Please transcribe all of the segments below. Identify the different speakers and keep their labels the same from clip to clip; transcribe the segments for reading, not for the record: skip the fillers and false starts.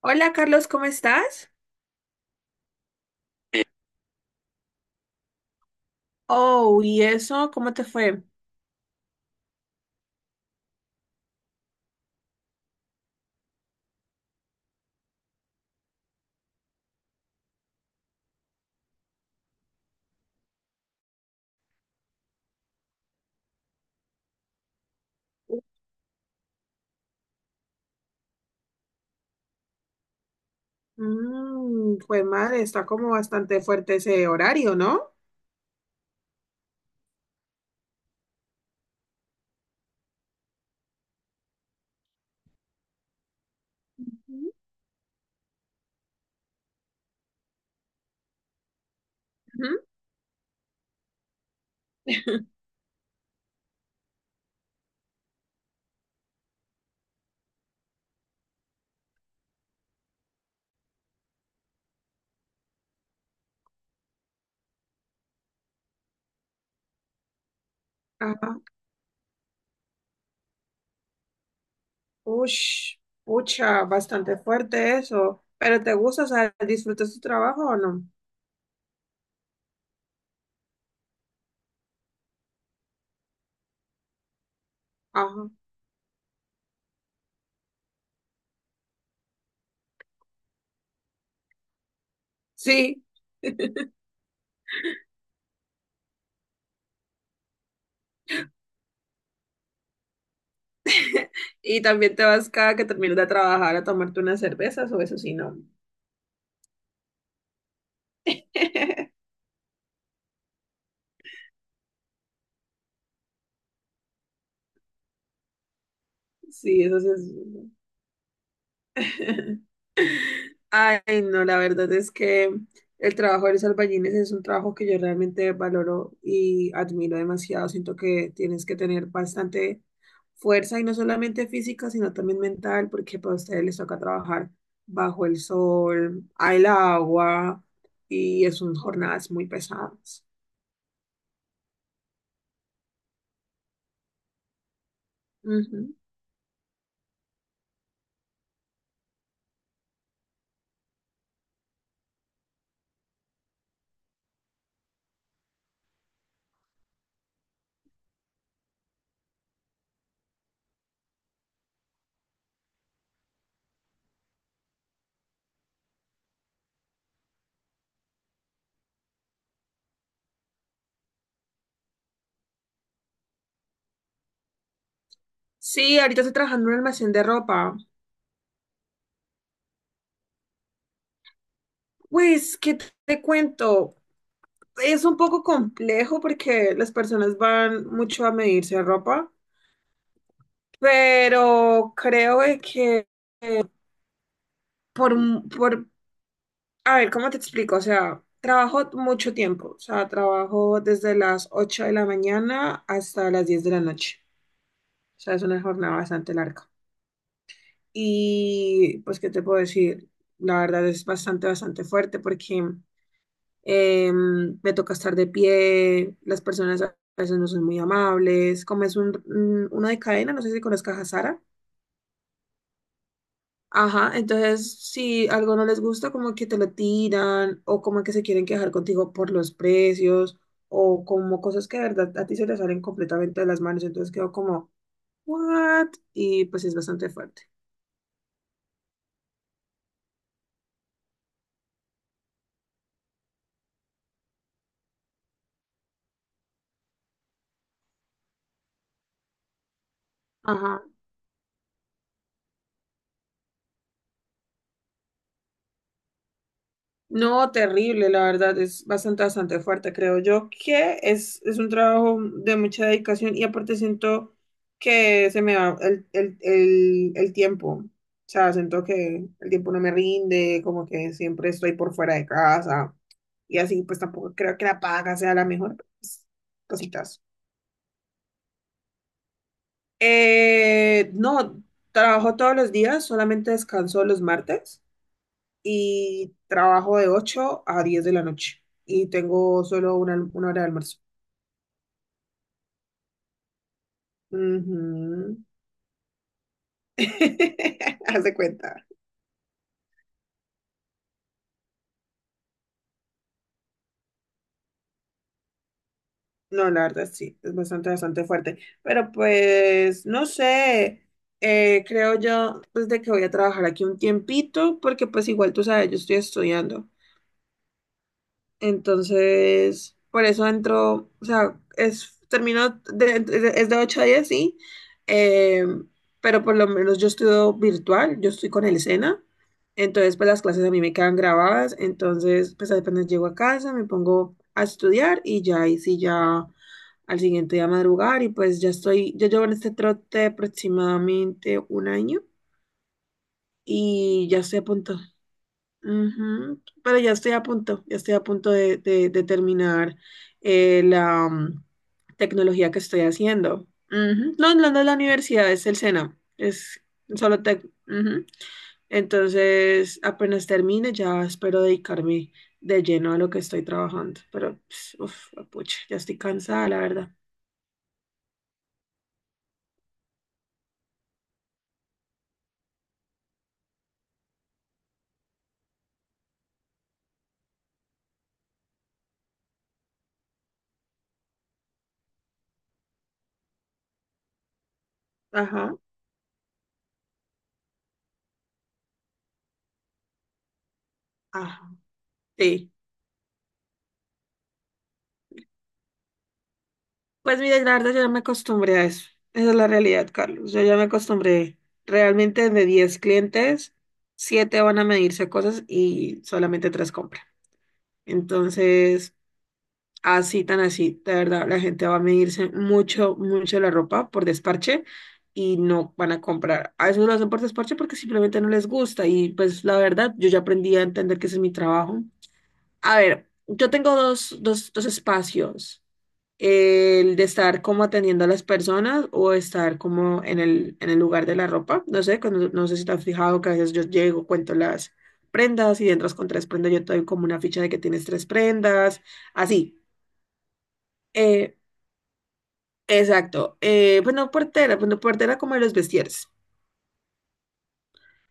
Speaker 1: Hola Carlos, ¿cómo estás? Oh, ¿y eso? ¿Cómo te fue? Mm, fue madre, está como bastante fuerte ese horario, ¿no? Ujú. Ujú. Ajá. Ush, pucha, bastante fuerte eso. ¿Pero te gusta, o sea, disfrutas tu trabajo o no? Ajá. Sí, y también te vas cada que termines de trabajar a tomarte unas cervezas o eso sí, no. Sí, eso sí es. Ay, no, la verdad es que el trabajo de los albañiles es un trabajo que yo realmente valoro y admiro demasiado. Siento que tienes que tener bastante fuerza y no solamente física, sino también mental, porque para ustedes les toca trabajar bajo el sol, al agua y es son jornadas muy pesadas. Ujú. Sí, ahorita estoy trabajando en un almacén de ropa. Pues, ¿qué te cuento? Es un poco complejo porque las personas van mucho a medirse ropa, pero creo de que por, a ver, ¿cómo te explico? O sea, trabajo mucho tiempo, o sea, trabajo desde las 8 de la mañana hasta las 10 de la noche. O sea, es una jornada bastante larga. Y pues, ¿qué te puedo decir? La verdad es bastante, bastante fuerte porque me toca estar de pie, las personas a veces no son muy amables, como es uno de cadena, no sé si conozcas a Sara. Ajá, entonces si algo no les gusta, como que te lo tiran o como que se quieren quejar contigo por los precios o como cosas que de verdad a ti se te salen completamente de las manos, entonces quedo como, ¿what? Y pues es bastante fuerte. Ajá. No, terrible, la verdad, es bastante, bastante fuerte, creo yo, que es un trabajo de mucha dedicación y aparte siento que se me va el tiempo, o sea, siento que el tiempo no me rinde, como que siempre estoy por fuera de casa y así, pues tampoco creo que la paga sea la mejor, pues, cositas. No, trabajo todos los días, solamente descanso los martes. Y trabajo de 8 a 10 de la noche y tengo solo una hora de almuerzo. Ujú. Haz de cuenta. No, la verdad sí, es bastante, bastante fuerte. Pero pues, no sé, creo yo, pues de que voy a trabajar aquí un tiempito, porque pues igual tú sabes, yo estoy estudiando. Entonces, por eso entro, o sea, es, termino, es de 8 a 10 sí, eh, pero por lo menos yo estudio virtual, yo estoy con el SENA, entonces pues las clases a mí me quedan grabadas, entonces pues apenas llego a casa, me pongo a estudiar y ya ahí sí ya al siguiente día madrugar y pues ya estoy, yo llevo en este trote aproximadamente un año y ya estoy a punto. Ujú. Pero ya estoy a punto, ya estoy a punto de terminar la tecnología que estoy haciendo. Ujú. No, no, no es la universidad, es el SENA, es solo tec. Ujú. Entonces, apenas termine, ya espero dedicarme de lleno a lo que estoy trabajando. Pero, pues, uf, pucha, ya estoy cansada, la verdad. Ajá, ajá, sí. Pues mira, la verdad yo ya me acostumbré a eso. Esa es la realidad, Carlos. Yo ya me acostumbré. Realmente de 10 clientes, 7 van a medirse cosas y solamente 3 compran. Entonces, así tan así, de verdad, la gente va a medirse mucho, mucho la ropa por desparche y no van a comprar. A veces no lo hacen por desparche porque simplemente no les gusta y pues la verdad, yo ya aprendí a entender que ese es mi trabajo. A ver, yo tengo dos espacios, el de estar como atendiendo a las personas o estar como en el lugar de la ropa. No sé, no sé si te has fijado que a veces yo llego, cuento las prendas y entras con tres prendas, yo te doy como una ficha de que tienes tres prendas, así. Eh, exacto. Pues no portera como de los vestieres.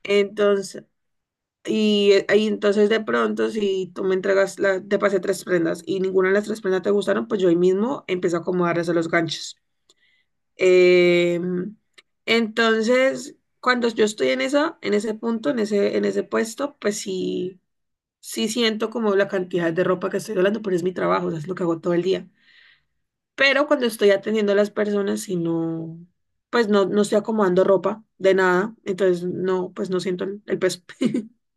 Speaker 1: Entonces, y ahí entonces de pronto si tú me entregas, la, te pasé tres prendas y ninguna de las tres prendas te gustaron, pues yo ahí mismo empiezo a acomodarles a los ganchos. Eh, entonces, cuando yo estoy en esa, en ese punto, en ese puesto, pues sí, sí siento como la cantidad de ropa que estoy hablando, pero es mi trabajo, o sea, es lo que hago todo el día. Pero cuando estoy atendiendo a las personas y no, pues no, no estoy acomodando ropa de nada, entonces no, pues no siento el peso.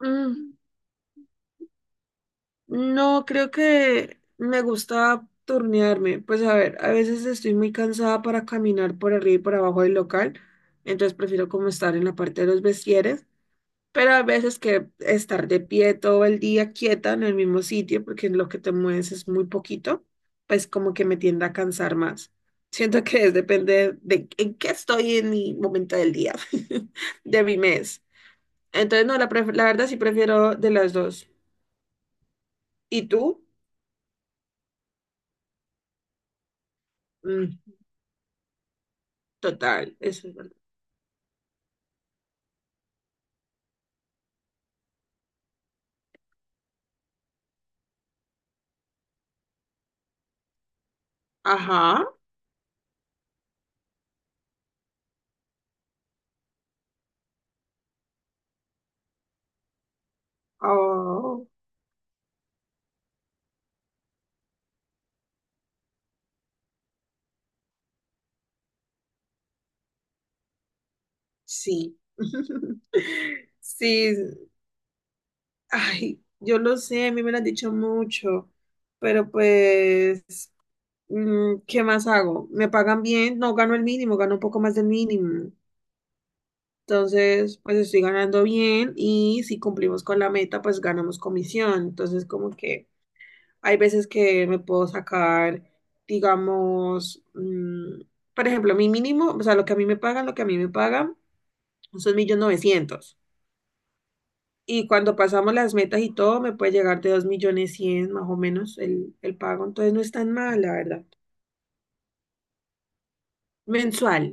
Speaker 1: Mm, no, creo que me gusta turnearme. Pues a ver, a veces estoy muy cansada para caminar por arriba y por abajo del local, entonces prefiero como estar en la parte de los vestieres, pero a veces que estar de pie todo el día quieta en el mismo sitio, porque lo que te mueves es muy poquito, pues como que me tiende a cansar más. Siento que es, depende de en qué estoy en mi momento del día, de mi mes. Entonces, no, la, la verdad sí prefiero de las dos. ¿Y tú? Mm. Total, eso es verdad. Ajá. Oh, sí. Sí, ay, yo lo sé, a mí me lo han dicho mucho, pero pues, ¿qué más hago? ¿Me pagan bien? No, gano el mínimo, gano un poco más del mínimo. Entonces, pues estoy ganando bien y si cumplimos con la meta, pues ganamos comisión. Entonces, como que... Hay veces que me puedo sacar, digamos, por ejemplo, mi mínimo, o sea, lo que a mí me pagan, lo que a mí me pagan son 1.900.000. Y cuando pasamos las metas y todo, me puede llegar de 2.100.000 más o menos el pago. Entonces no es tan mal, la verdad. Mensual.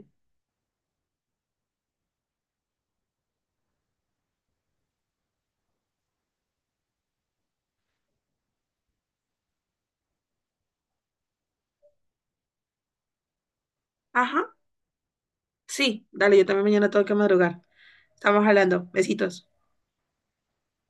Speaker 1: Ajá. Sí, dale, yo también mañana tengo que madrugar. Estamos hablando. Besitos.